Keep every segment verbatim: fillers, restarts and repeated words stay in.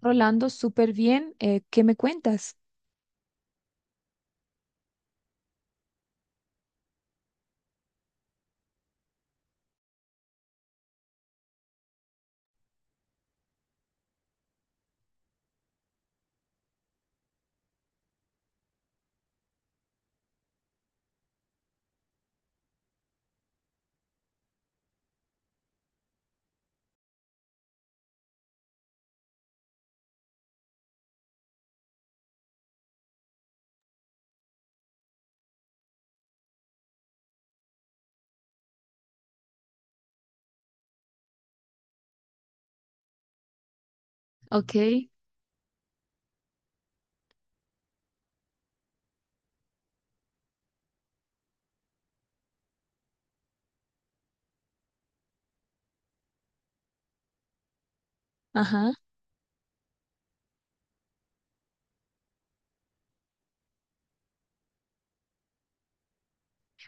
Rolando, súper bien. Eh, ¿qué me cuentas? Ok. Ajá.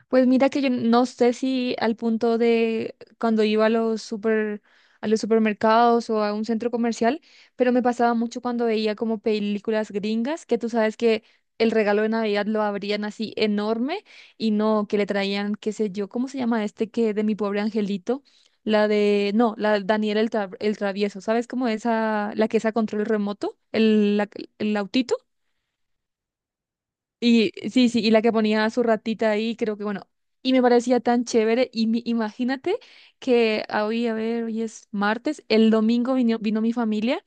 Pues mira que yo no sé si al punto de cuando iba a los super, a los supermercados o a un centro comercial, pero me pasaba mucho cuando veía como películas gringas, que tú sabes que el regalo de Navidad lo abrían así enorme y no que le traían, qué sé yo, ¿cómo se llama este que de mi pobre angelito? La de, no, la de Daniel el, Tra- el travieso, ¿sabes cómo esa, la que es a control remoto, el, la- el autito? Y sí, sí, y la que ponía a su ratita ahí, creo que bueno, y me parecía tan chévere. Y mi- imagínate que hoy, a ver, hoy es martes, el domingo vino, vino mi familia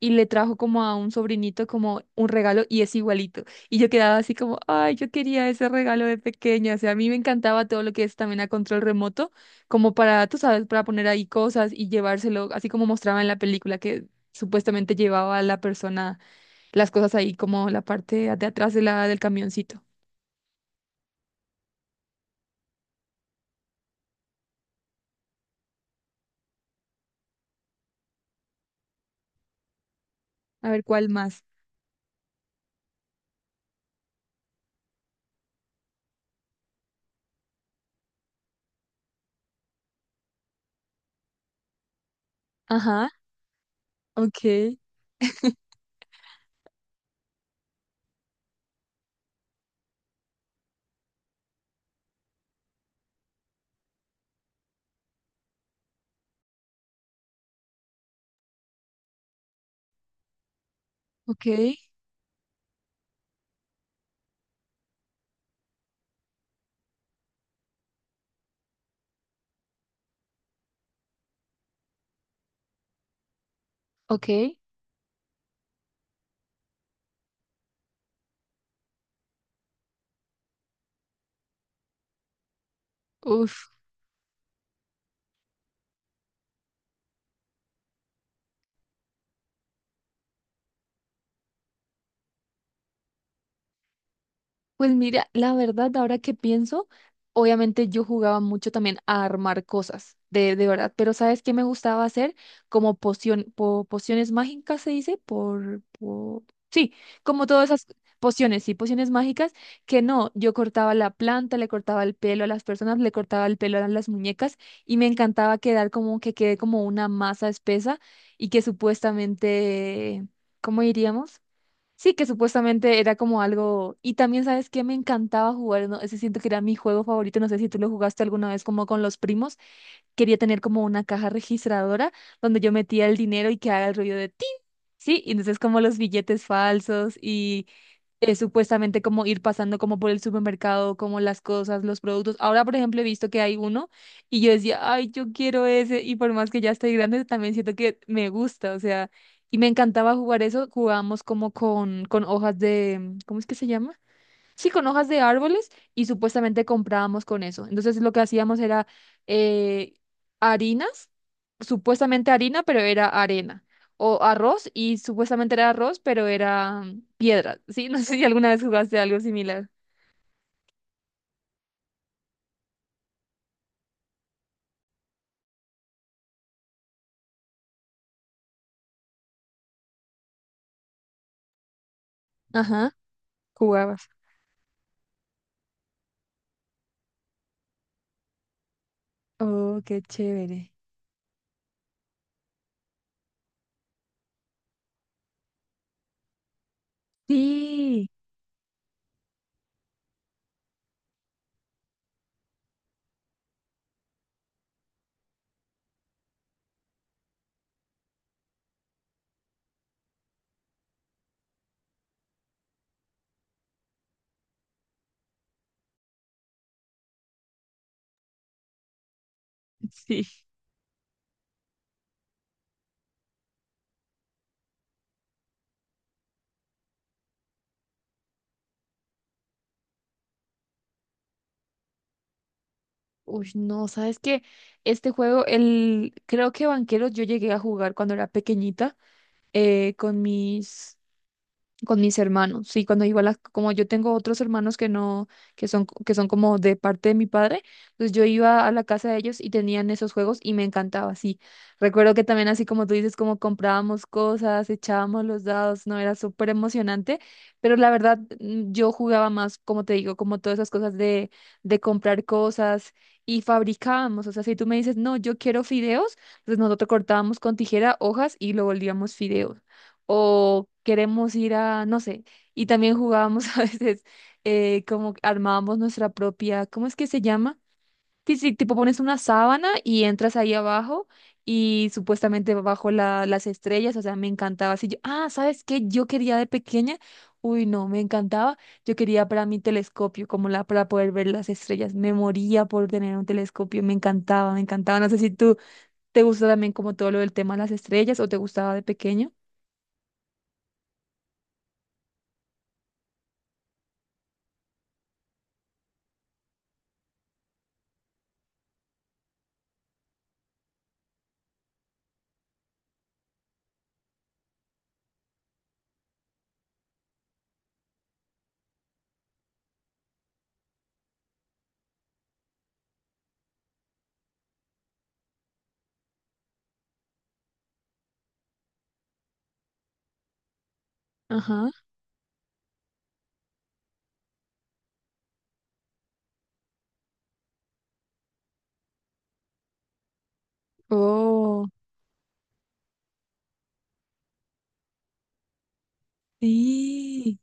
y le trajo como a un sobrinito como un regalo y es igualito. Y yo quedaba así como, ay, yo quería ese regalo de pequeña. O sea, a mí me encantaba todo lo que es también a control remoto, como para, tú sabes, para poner ahí cosas y llevárselo, así como mostraba en la película que supuestamente llevaba a la persona las cosas ahí como la parte de atrás de la, del camioncito. A ver, ¿cuál más? Ajá, ok, ok, ok. Uf. Pues mira, la verdad, ahora que pienso, obviamente yo jugaba mucho también a armar cosas, de, de verdad, pero ¿sabes qué me gustaba hacer? Como poción, po- pociones mágicas se dice, por, por- sí, como todas esas pociones, sí, pociones mágicas, que no, yo cortaba la planta, le cortaba el pelo a las personas, le cortaba el pelo a las muñecas y me encantaba quedar como que quede como una masa espesa y que supuestamente, ¿cómo diríamos? Sí, que supuestamente era como algo. Y también, ¿sabes qué? Me encantaba jugar, ¿no? Ese siento que era mi juego favorito. No sé si tú lo jugaste alguna vez como con los primos. Quería tener como una caja registradora donde yo metía el dinero y que haga el ruido de tin. Sí, y entonces como los billetes falsos y es supuestamente como ir pasando como por el supermercado, como las cosas, los productos. Ahora, por ejemplo, he visto que hay uno y yo decía, ay, yo quiero ese y por más que ya estoy grande, también siento que me gusta, o sea, y me encantaba jugar eso, jugábamos como con, con hojas de, ¿cómo es que se llama? Sí, con hojas de árboles y supuestamente comprábamos con eso. Entonces lo que hacíamos era eh, harinas, supuestamente harina, pero era arena. O arroz y supuestamente era arroz, pero era mm, piedra. Sí, no sé si alguna vez jugaste algo similar. Ajá, jugabas. Oh, qué chévere. Sí, sí. Uy, no, ¿sabes qué? Este juego, el, creo que Banqueros yo llegué a jugar cuando era pequeñita eh, con mis con mis hermanos. Sí, cuando iba a las, como yo tengo otros hermanos que no, que son, que son como de parte de mi padre, pues yo iba a la casa de ellos y tenían esos juegos y me encantaba, sí. Recuerdo que también así como tú dices, como comprábamos cosas, echábamos los dados, no, era súper emocionante, pero la verdad mm, yo jugaba más, como te digo, como todas esas cosas de, de comprar cosas. Y fabricábamos, o sea, si tú me dices, no, yo quiero fideos, pues nosotros cortábamos con tijera hojas y lo volvíamos fideos o queremos ir a, no sé, y también jugábamos a veces eh, como armábamos nuestra propia, ¿cómo es que se llama? Sí, sí, tipo pones una sábana y entras ahí abajo y supuestamente bajo la, las estrellas, o sea, me encantaba. Así yo, ah, ¿sabes qué? Yo quería de pequeña, uy, no, me encantaba, yo quería para mi telescopio, como la, para poder ver las estrellas, me moría por tener un telescopio, me encantaba, me encantaba. No sé si tú te gusta también como todo lo del tema de las estrellas o te gustaba de pequeño. Ajá. Oh, sí,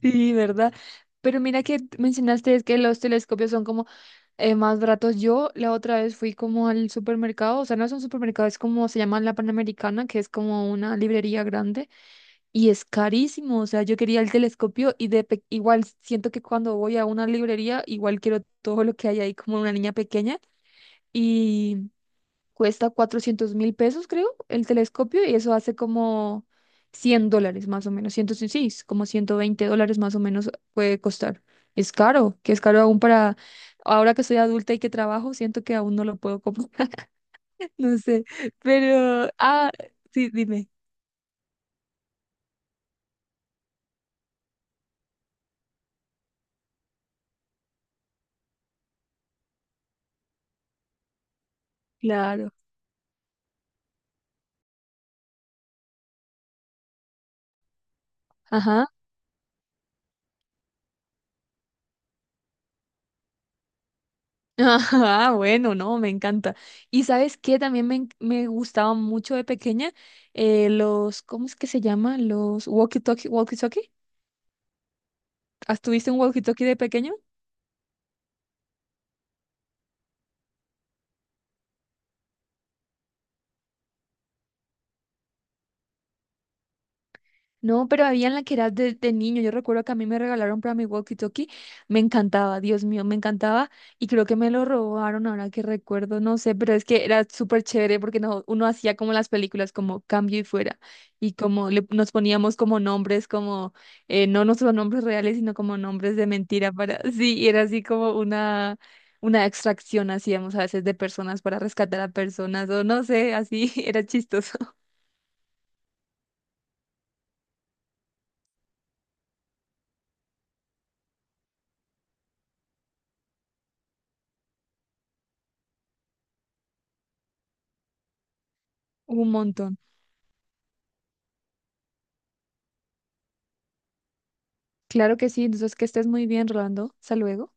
sí, ¿verdad? Pero mira que mencionaste es que los telescopios son como eh, más baratos. Yo la otra vez fui como al supermercado, o sea, no es un supermercado, es como se llama la Panamericana, que es como una librería grande y es carísimo. O sea, yo quería el telescopio y de pe- igual siento que cuando voy a una librería, igual quiero todo lo que hay ahí como una niña pequeña. Cuesta cuatrocientos mil pesos, creo, el telescopio y eso hace como cien dólares más o menos, ciento seis, como ciento veinte dólares más o menos puede costar. Es caro, que es caro aún para ahora que soy adulta y que trabajo, siento que aún no lo puedo comprar. No sé, pero, ah, sí, dime, claro, ajá. Ah, bueno, no, me encanta. Y sabes qué, también me, en- me gustaba mucho de pequeña eh, los, ¿cómo es que se llama? Los walkie-talkie, walkie-talkie. ¿Has tuviste un walkie-talkie de pequeño? No, pero había en la que era de, de niño. Yo recuerdo que a mí me regalaron para mi walkie-talkie. Me encantaba, Dios mío, me encantaba. Y creo que me lo robaron ahora que recuerdo, no sé, pero es que era súper chévere porque no, uno hacía como las películas, como cambio y fuera. Y como le, nos poníamos como nombres, como eh, no nuestros nombres reales, sino como nombres de mentira para. Sí, y era así como una, una extracción hacíamos a veces de personas para rescatar a personas, o no sé, así era chistoso. Un montón. Claro que sí, entonces que estés muy bien, Rolando. Hasta luego.